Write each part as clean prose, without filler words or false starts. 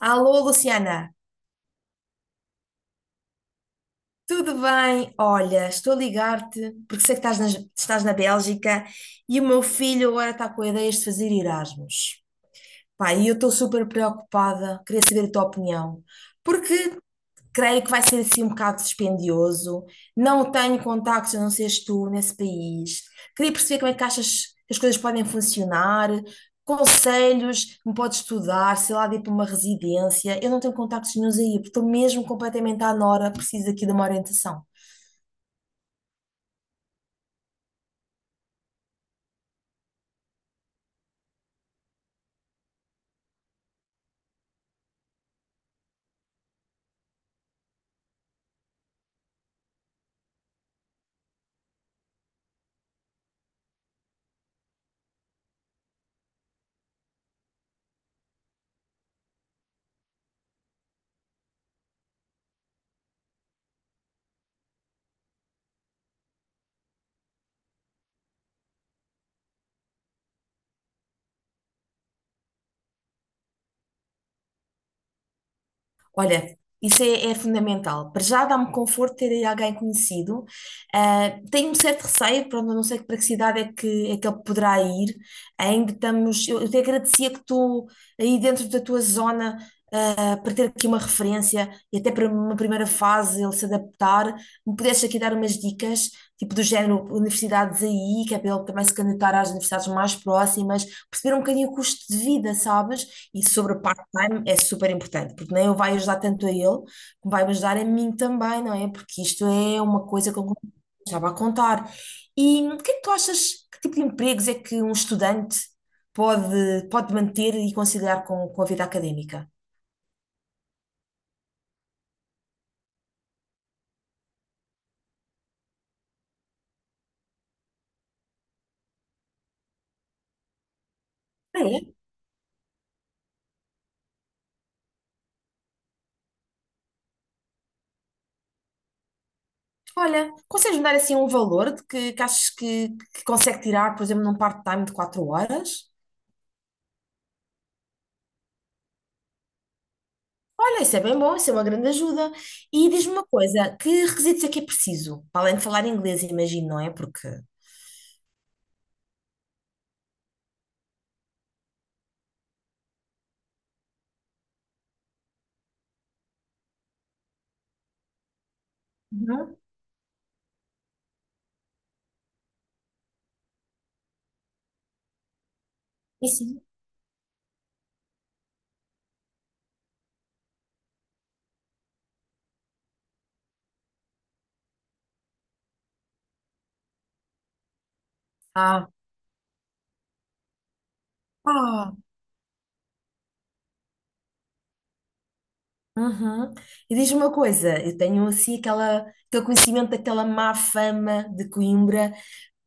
Alô, Luciana, tudo bem? Olha, estou a ligar-te porque sei que estás na Bélgica e o meu filho agora está com ideias de fazer Erasmus. Pá, e eu estou super preocupada, queria saber a tua opinião. Porque creio que vai ser assim um bocado dispendioso. Não tenho contactos, a não seres tu, nesse país. Queria perceber como é que achas que as coisas podem funcionar, conselhos me podes estudar, sei lá, de ir para uma residência. Eu não tenho contactos nenhuns aí, porque estou mesmo completamente à nora, preciso aqui de uma orientação. Olha, isso é fundamental. Para já dá-me conforto ter aí alguém conhecido. Ah, tenho um certo receio, pronto, eu não sei para que cidade é que ele poderá ir. Ainda estamos. Eu te agradecia que tu, aí dentro da tua zona, para ter aqui uma referência e até para uma primeira fase ele se adaptar, me pudeste aqui dar umas dicas, tipo do género universidades aí, que é para ele também se candidatar às universidades mais próximas, perceber um bocadinho o custo de vida, sabes? E sobre o part-time é super importante, porque nem eu vai ajudar tanto a ele, como vai me ajudar a mim também, não é? Porque isto é uma coisa que eu não estava a contar. E o que é que tu achas, que tipo de empregos é que um estudante pode manter e conciliar com a vida académica? Ah, é? Olha, consegues-me dar assim um valor de que achas que consegue tirar, por exemplo, num part-time de 4 horas? Olha, isso é bem bom, isso é uma grande ajuda. E diz-me uma coisa, que requisitos é que é preciso? Para além de falar inglês, imagino, não é? Porque... Uhum. E sim. Ah, ah. Uhum. E diz-me uma coisa, eu tenho assim aquela, aquele conhecimento daquela má fama de Coimbra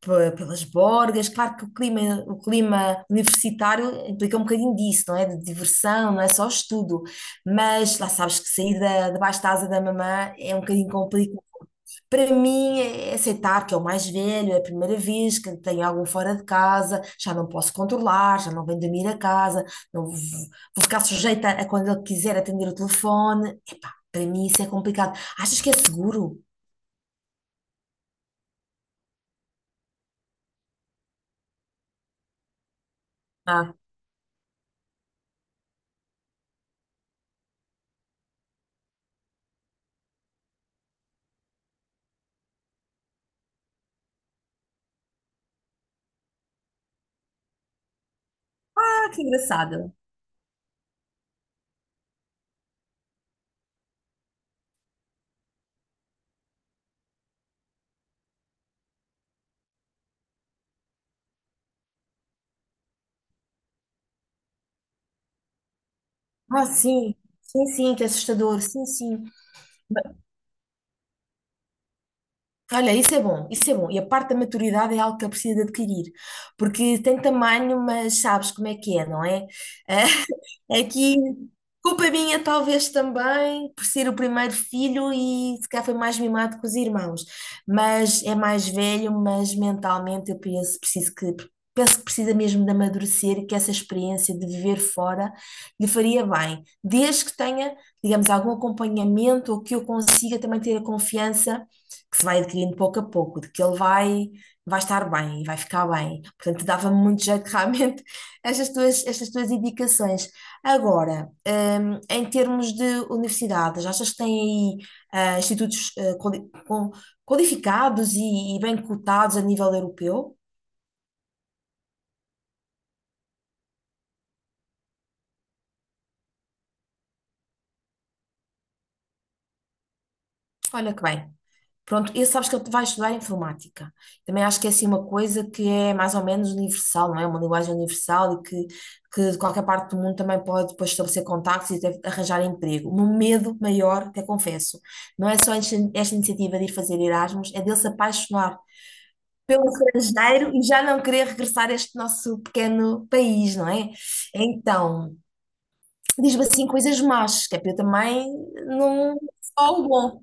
pelas borgas. Claro que o clima universitário implica um bocadinho disso, não é? De diversão, não é só estudo. Mas lá sabes que sair da, debaixo da asa da mamã é um bocadinho complicado. Para mim é aceitar que é o mais velho, é a primeira vez que tenho algum fora de casa, já não posso controlar, já não venho dormir a casa, não vou, vou ficar sujeita a quando ele quiser atender o telefone. Epá, para mim isso é complicado. Achas que é seguro? Ah, ah, que engraçado. Ah, sim, sim, sim, que é assustador, sim, sim. Ba- Olha, isso é bom, isso é bom. E a parte da maturidade é algo que eu preciso de adquirir, porque tem tamanho, mas sabes como é que é, não é? É que culpa minha, talvez também, por ser o primeiro filho e se calhar foi mais mimado que os irmãos. Mas é mais velho, mas mentalmente eu penso, preciso que, penso que precisa mesmo de amadurecer e que essa experiência de viver fora lhe faria bem. Desde que tenha, digamos, algum acompanhamento ou que eu consiga também ter a confiança que se vai adquirindo pouco a pouco, de que ele vai. Vai estar bem e vai ficar bem. Portanto, dava-me muito jeito realmente estas tuas indicações. Agora, em termos de universidades, achas que têm aí institutos qualificados e bem cotados a nível europeu? Olha que bem. Pronto, e sabes que ele vai estudar informática. Também acho que é assim uma coisa que é mais ou menos universal, não é? Uma linguagem universal e que de qualquer parte do mundo também pode depois estabelecer contactos e até arranjar emprego. O meu medo maior, até confesso, não é só esta iniciativa de ir fazer Erasmus, é dele se apaixonar pelo estrangeiro e já não querer regressar a este nosso pequeno país, não é? Então, diz-me assim coisas más, que é para eu também não. Só o bom.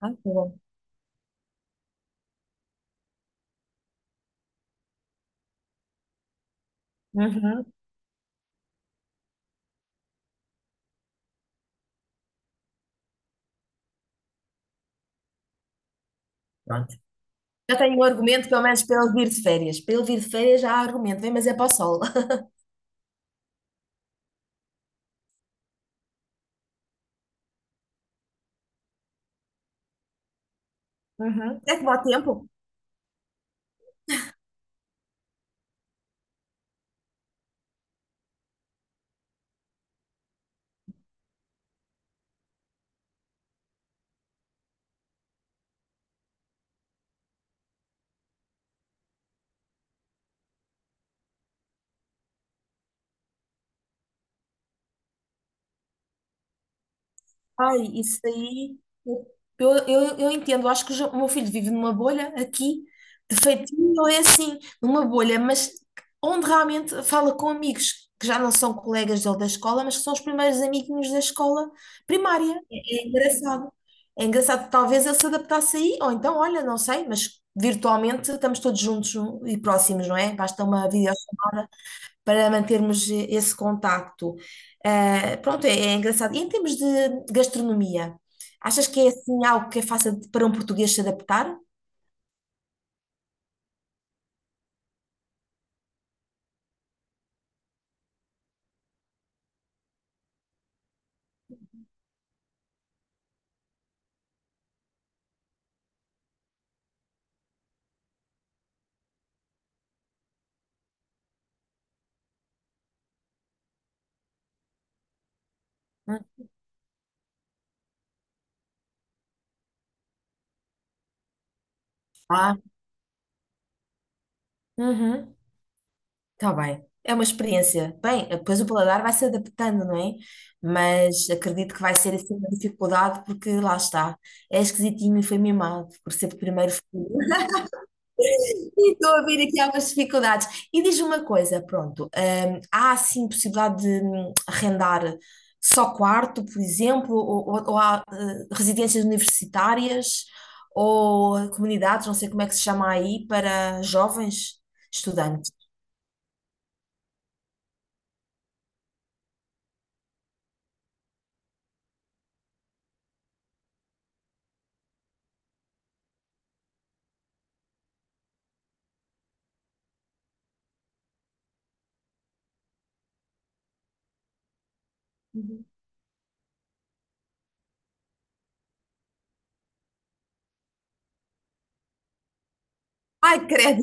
Ah, tá bom. Uhum. Pronto. Já tenho um argumento, pelo menos, para ele vir de férias. Para ele vir de férias já há argumento, vem, mas é para o sol. Uhum. É que dá tempo. Ai, isso aí. Eu entendo, eu acho que o o meu filho vive numa bolha aqui, de feitinho, ou é assim, numa bolha, mas onde realmente fala com amigos que já não são colegas dele da escola, mas que são os primeiros amiguinhos da escola primária. É engraçado. É engraçado, talvez ele se adaptasse aí, ou então, olha, não sei, mas virtualmente estamos todos juntos um, e próximos, não é? Basta uma videochamada para mantermos esse contacto. Ah, pronto, é engraçado. E em termos de gastronomia, achas que é assim algo que é fácil para um português se adaptar? Hum, Ah, uhum, tá bem. É uma experiência. Bem, depois o paladar vai se adaptando, não é? Mas acredito que vai ser assim uma dificuldade, porque lá está. É esquisitinho e foi mimado por ser primeiro filho. E estou a ver aqui algumas dificuldades. E diz-me uma coisa, pronto, há assim possibilidade de arrendar só quarto, por exemplo, ou há residências universitárias ou comunidades, não sei como é que se chama aí, para jovens estudantes. Uhum. Ai, credo!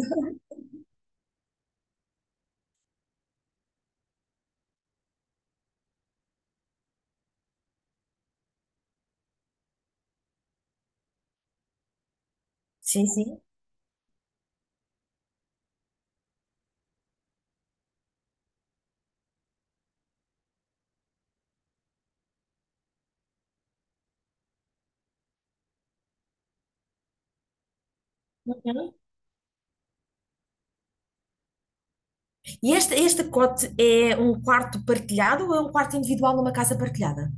Sim, sim. Uhum. E este cote é um quarto partilhado ou é um quarto individual numa casa partilhada?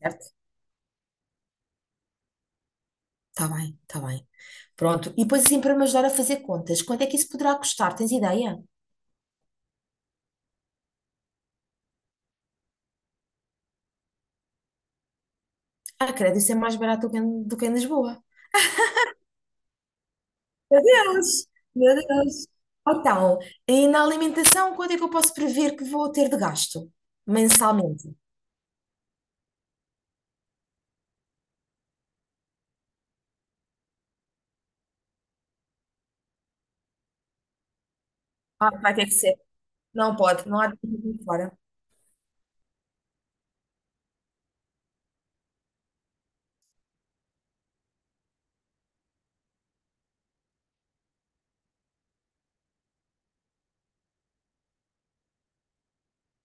Certo? Está bem, está bem. Pronto. E depois assim para me ajudar a fazer contas. Quanto é que isso poderá custar? Tens ideia? Ah, credo, isso é mais barato do que do que em Lisboa. Deus, meu Deus. Então, e na alimentação, quanto é que eu posso prever que vou ter de gasto mensalmente? Ah, vai ter que ser. Não pode, não há de ir fora.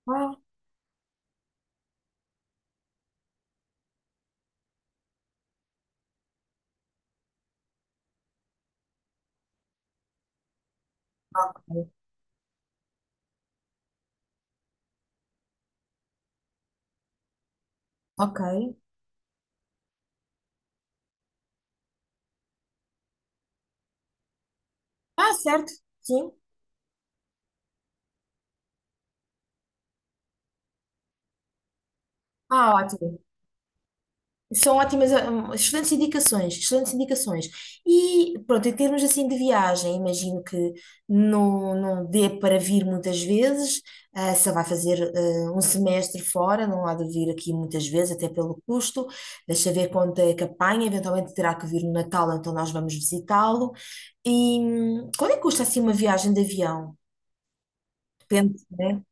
Ah, ok. Ah, certo. Sim. Ah, ótimo. São ótimas, ah, excelentes indicações, excelentes indicações. E pronto, em termos assim de viagem, imagino que não dê para vir muitas vezes, só vai fazer um semestre fora, não há de vir aqui muitas vezes, até pelo custo. Deixa ver quanto é que apanha, eventualmente terá que vir no Natal, então nós vamos visitá-lo. E quanto é que custa assim uma viagem de avião? Depende, né?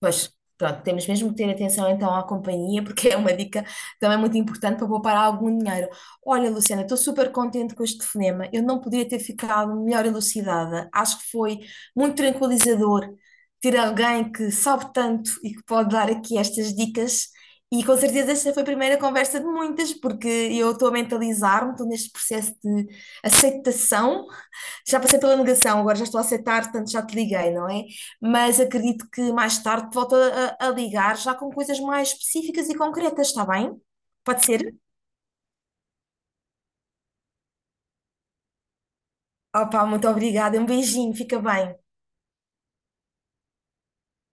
Pois, pronto, temos mesmo que ter atenção então à companhia, porque é uma dica também muito importante para poupar algum dinheiro. Olha, Luciana, estou super contente com este telefonema. Eu não podia ter ficado melhor elucidada. Acho que foi muito tranquilizador ter alguém que sabe tanto e que pode dar aqui estas dicas. E com certeza esta foi a primeira conversa de muitas, porque eu estou a mentalizar-me, estou neste processo de aceitação já passei pela negação, agora já estou a aceitar, portanto já te liguei, não é? Mas acredito que mais tarde te volto a ligar já com coisas mais específicas e concretas, está bem? Pode ser? Opa, muito obrigada, um beijinho, fica bem.